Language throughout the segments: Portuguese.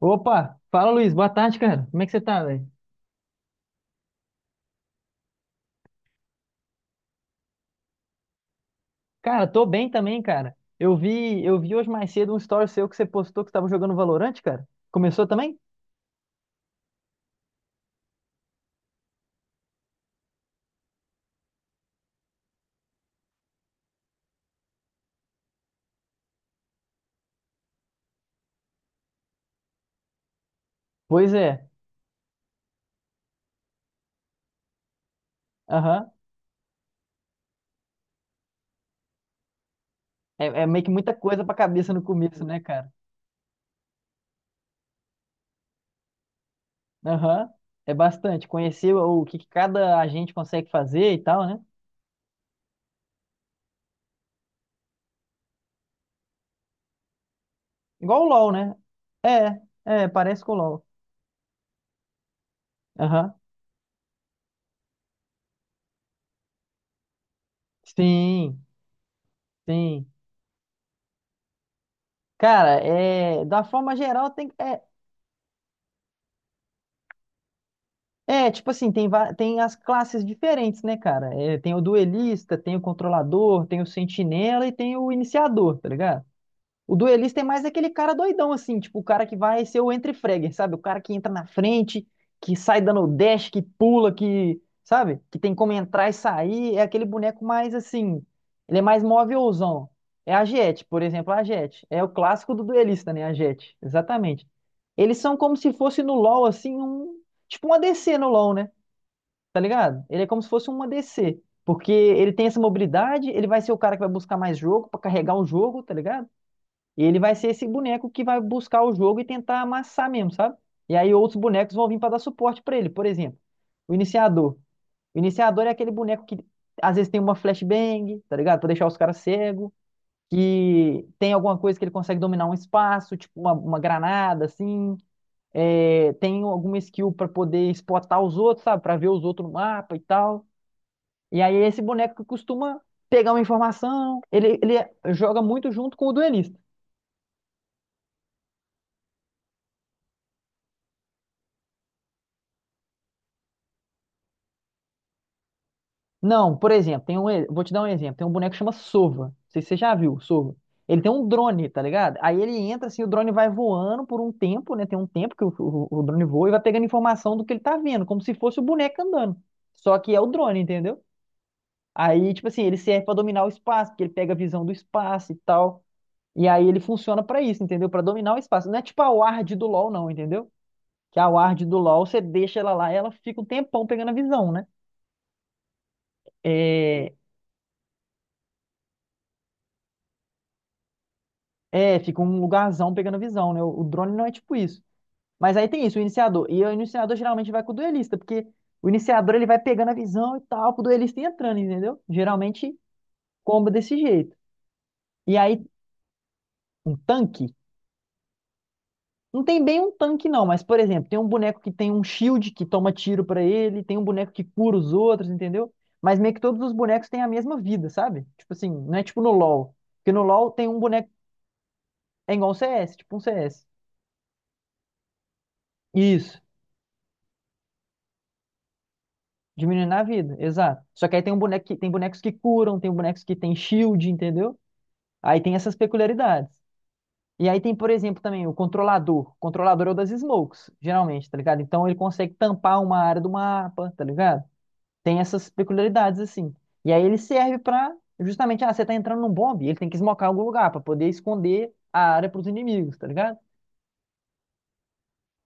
Opa, fala Luiz, boa tarde, cara. Como é que você tá, velho? Cara, tô bem também, cara. Eu vi hoje mais cedo um story seu que você postou que você tava jogando Valorant, cara. Começou também? Pois é. Aham. É, meio que muita coisa pra cabeça no começo, né, cara? Aham. É bastante. Conhecer o que que cada agente consegue fazer e tal, né? Igual o LoL, né? É, é, parece com o LoL. Aham. Sim, sim. Cara, é, da forma geral, tem. É, tipo assim, tem, tem as classes diferentes, né, cara? É, tem o duelista, tem o controlador, tem o sentinela e tem o iniciador, tá ligado? O duelista é mais aquele cara doidão, assim, tipo, o cara que vai ser o entre-fragger, sabe? O cara que entra na frente, que sai dando o dash, que pula, que, sabe? Que tem como entrar e sair. É aquele boneco mais, assim, ele é mais movilzão. É a Jett, por exemplo, a Jett. É o clássico do duelista, né? A Jett, exatamente. Eles são como se fosse no LoL, assim, um, tipo um ADC no LoL, né? Tá ligado? Ele é como se fosse um ADC. Porque ele tem essa mobilidade, ele vai ser o cara que vai buscar mais jogo pra carregar o jogo, tá ligado? E ele vai ser esse boneco que vai buscar o jogo e tentar amassar mesmo, sabe? E aí outros bonecos vão vir para dar suporte para ele. Por exemplo, o iniciador. O iniciador é aquele boneco que às vezes tem uma flashbang, tá ligado? Pra deixar os caras cegos. Que tem alguma coisa que ele consegue dominar um espaço, tipo uma granada, assim. É, tem alguma skill para poder spotar os outros, sabe? Para ver os outros no mapa e tal. E aí é esse boneco que costuma pegar uma informação. Ele joga muito junto com o duelista. Não, por exemplo, vou te dar um exemplo. Tem um boneco que chama Sova. Não sei se você já viu, Sova. Ele tem um drone, tá ligado? Aí ele entra assim, o drone vai voando por um tempo, né? Tem um tempo que o drone voa e vai pegando informação do que ele tá vendo, como se fosse o boneco andando. Só que é o drone, entendeu? Aí, tipo assim, ele serve pra dominar o espaço, porque ele pega a visão do espaço e tal. E aí ele funciona pra isso, entendeu? Pra dominar o espaço. Não é tipo a Ward do LoL, não, entendeu? Que a Ward do LoL, você deixa ela lá, ela fica um tempão pegando a visão, né? É, É, fica um lugarzão pegando visão, né? O drone não é tipo isso. Mas aí tem isso, o iniciador. E o iniciador geralmente vai com o duelista, porque o iniciador ele vai pegando a visão e tal, pro duelista ir entrando, entendeu? Geralmente comba desse jeito. E aí, um tanque. Não tem bem um tanque, não, mas, por exemplo, tem um boneco que tem um shield que toma tiro pra ele, tem um boneco que cura os outros, entendeu? Mas meio que todos os bonecos têm a mesma vida, sabe? Tipo assim, não é tipo no LoL. Porque no LoL tem um boneco. É igual um CS, tipo um CS. Isso. Diminuindo a vida, exato. Só que aí tem bonecos que curam, tem bonecos que tem shield, entendeu? Aí tem essas peculiaridades. E aí tem, por exemplo, também o controlador. O controlador é o das smokes, geralmente, tá ligado? Então ele consegue tampar uma área do mapa, tá ligado? Tem essas peculiaridades assim. E aí ele serve pra justamente, você tá entrando num bombe, ele tem que esmocar algum lugar pra poder esconder a área pros inimigos, tá ligado?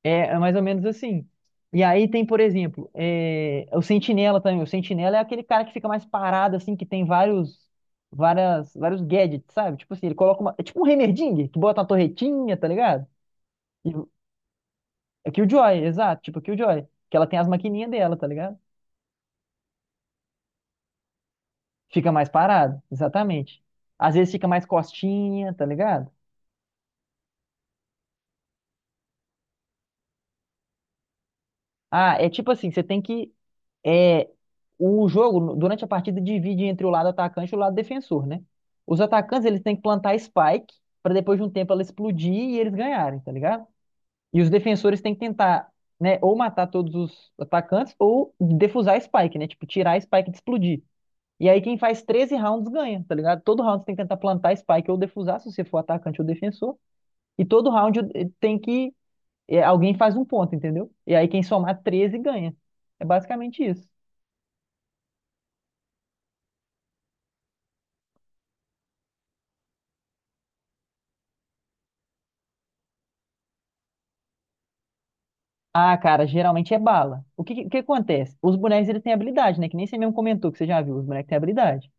É, é mais ou menos assim. E aí tem, por exemplo, o Sentinela também. O Sentinela é aquele cara que fica mais parado, assim, que tem vários, vários gadgets, sabe? Tipo assim, ele coloca uma. É tipo um Heimerdinger, que bota uma torretinha, tá ligado? E, é Killjoy, exato, tipo Killjoy. Que ela tem as maquininhas dela, tá ligado? Fica mais parado, exatamente. Às vezes fica mais costinha, tá ligado? Ah, é tipo assim, você tem que É, o jogo, durante a partida, divide entre o lado atacante e o lado defensor, né? Os atacantes, eles têm que plantar spike para depois de um tempo ela explodir e eles ganharem, tá ligado? E os defensores têm que tentar, né, ou matar todos os atacantes ou defusar a spike, né? Tipo, tirar a spike de explodir. E aí quem faz 13 rounds ganha, tá ligado? Todo round você tem que tentar plantar a spike ou defusar, se você for atacante ou defensor. E todo round tem que. Alguém faz um ponto, entendeu? E aí quem somar 13 ganha. É basicamente isso. Ah, cara, geralmente é bala. Que acontece? Os bonecos eles têm habilidade, né? Que nem você mesmo comentou que você já viu, os bonecos têm habilidade.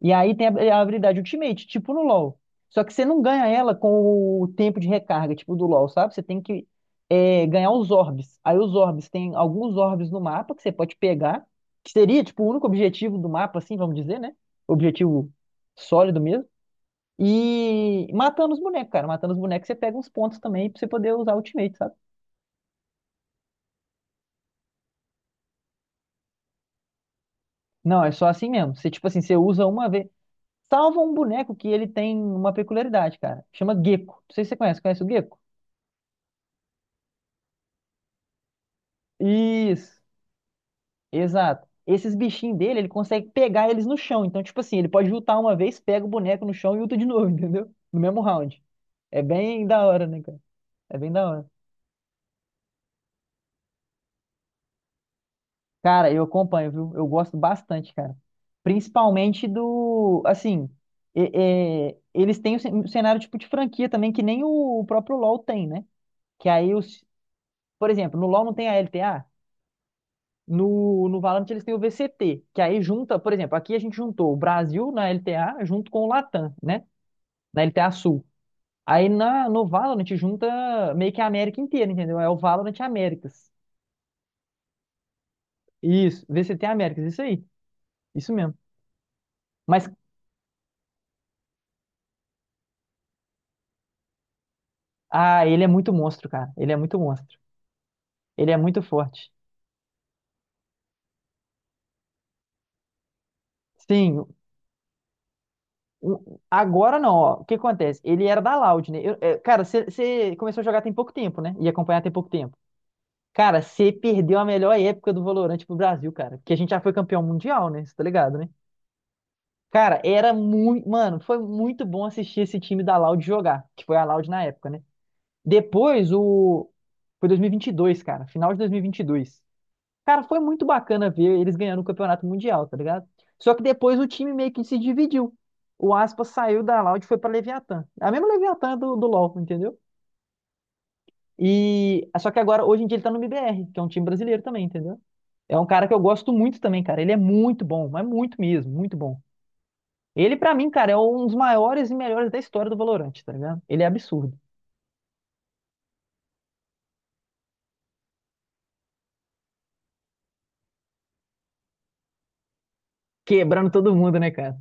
E aí tem a habilidade Ultimate, tipo no LoL. Só que você não ganha ela com o tempo de recarga, tipo do LoL, sabe? Você tem que ganhar os orbes. Aí os orbes, tem alguns orbes no mapa que você pode pegar, que seria, tipo, o único objetivo do mapa, assim, vamos dizer, né? Objetivo sólido mesmo. E matando os bonecos, cara. Matando os bonecos, você pega uns pontos também pra você poder usar Ultimate, sabe? Não, é só assim mesmo. Você, tipo assim, você usa uma vez. Salva um boneco que ele tem uma peculiaridade, cara. Chama Gecko. Não sei se você conhece. Conhece o Gecko? Isso, exato. Esses bichinhos dele, ele consegue pegar eles no chão. Então, tipo assim, ele pode lutar uma vez, pega o boneco no chão e luta de novo, entendeu? No mesmo round. É bem da hora, né, cara? É bem da hora. Cara, eu acompanho, viu? Eu gosto bastante, cara. Principalmente do. Assim, eles têm um cenário tipo de franquia também, que nem o próprio LoL tem, né? Que aí os, por exemplo, no LoL não tem a LTA, no Valorant eles têm o VCT, que aí junta, por exemplo, aqui a gente juntou o Brasil na LTA junto com o Latam, né? Na LTA Sul. Aí na, no Valorant junta meio que a América inteira, entendeu? É o Valorant Américas. Isso, VCT Américas, isso aí. Isso mesmo. Mas, ele é muito monstro, cara. Ele é muito monstro. Ele é muito forte. Sim, agora não, ó. O que acontece? Ele era da Loud, né? Cara, você começou a jogar tem pouco tempo, né? E acompanhar tem pouco tempo. Cara, você perdeu a melhor época do Valorante pro Brasil, cara. Porque a gente já foi campeão mundial, né? Você tá ligado, né? Cara, era muito. Mano, foi muito bom assistir esse time da Loud jogar, que foi a Loud na época, né? Depois, o. Foi dois mil e vinte e dois, cara. Final de dois mil e vinte e dois. Cara, foi muito bacana ver eles ganhando o campeonato mundial, tá ligado? Só que depois o time meio que se dividiu. O Aspas saiu da Loud e foi pra Leviatã. A mesma Leviatã do LoL, entendeu? E só que agora, hoje em dia, ele tá no MBR, que é um time brasileiro também, entendeu? É um cara que eu gosto muito também, cara. Ele é muito bom, mas muito mesmo, muito bom. Ele, pra mim, cara, é um dos maiores e melhores da história do Valorant, tá ligado? Ele é absurdo. Quebrando todo mundo, né, cara?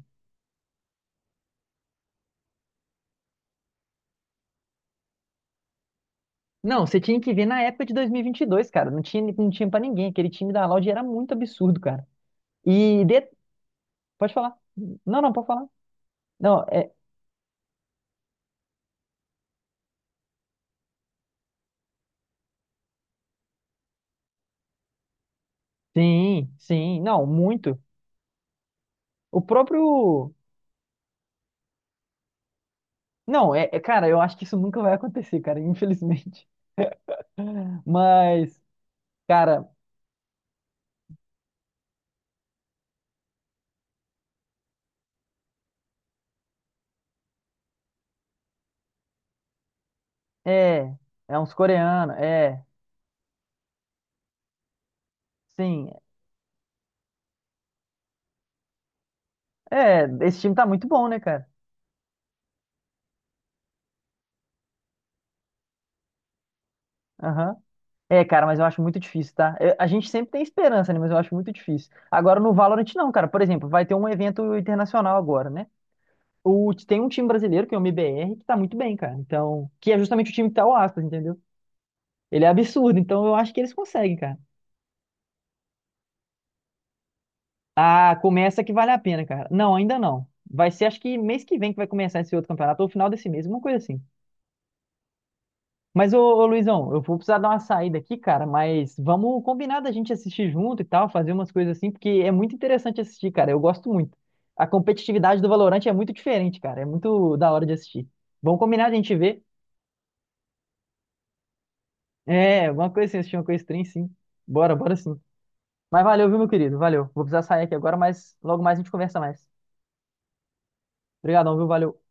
Não, você tinha que ver na época de 2022, cara. Não tinha, não tinha pra ninguém. Aquele time da Loud era muito absurdo, cara. E. de- Pode falar. Não, não, pode falar. Não, é. Sim, sim. Não, muito. O próprio. Não, cara, eu acho que isso nunca vai acontecer, cara, infelizmente. Mas, cara, é. É uns coreanos, é. Sim. É, esse time tá muito bom, né, cara? Aham. É, cara, mas eu acho muito difícil, tá? A gente sempre tem esperança, né? Mas eu acho muito difícil. Agora no Valorant, não, cara. Por exemplo, vai ter um evento internacional agora, né? Tem um time brasileiro, que é o MBR, que tá muito bem, cara. Então, que é justamente o time que tá o Aspas, entendeu? Ele é absurdo, então eu acho que eles conseguem, cara. Ah, começa que vale a pena, cara. Não, ainda não. Vai ser acho que mês que vem que vai começar esse outro campeonato, ou final desse mês, uma coisa assim. Mas, ô, ô, Luizão, eu vou precisar dar uma saída aqui, cara, mas vamos combinar da gente assistir junto e tal, fazer umas coisas assim, porque é muito interessante assistir, cara. Eu gosto muito. A competitividade do Valorant é muito diferente, cara. É muito da hora de assistir. Vamos combinar de a gente ver. É, alguma coisa assim, assistir uma coisa estranha, sim. Bora, bora sim. Mas valeu, viu, meu querido? Valeu. Vou precisar sair aqui agora, mas logo mais a gente conversa mais. Obrigadão, viu? Valeu.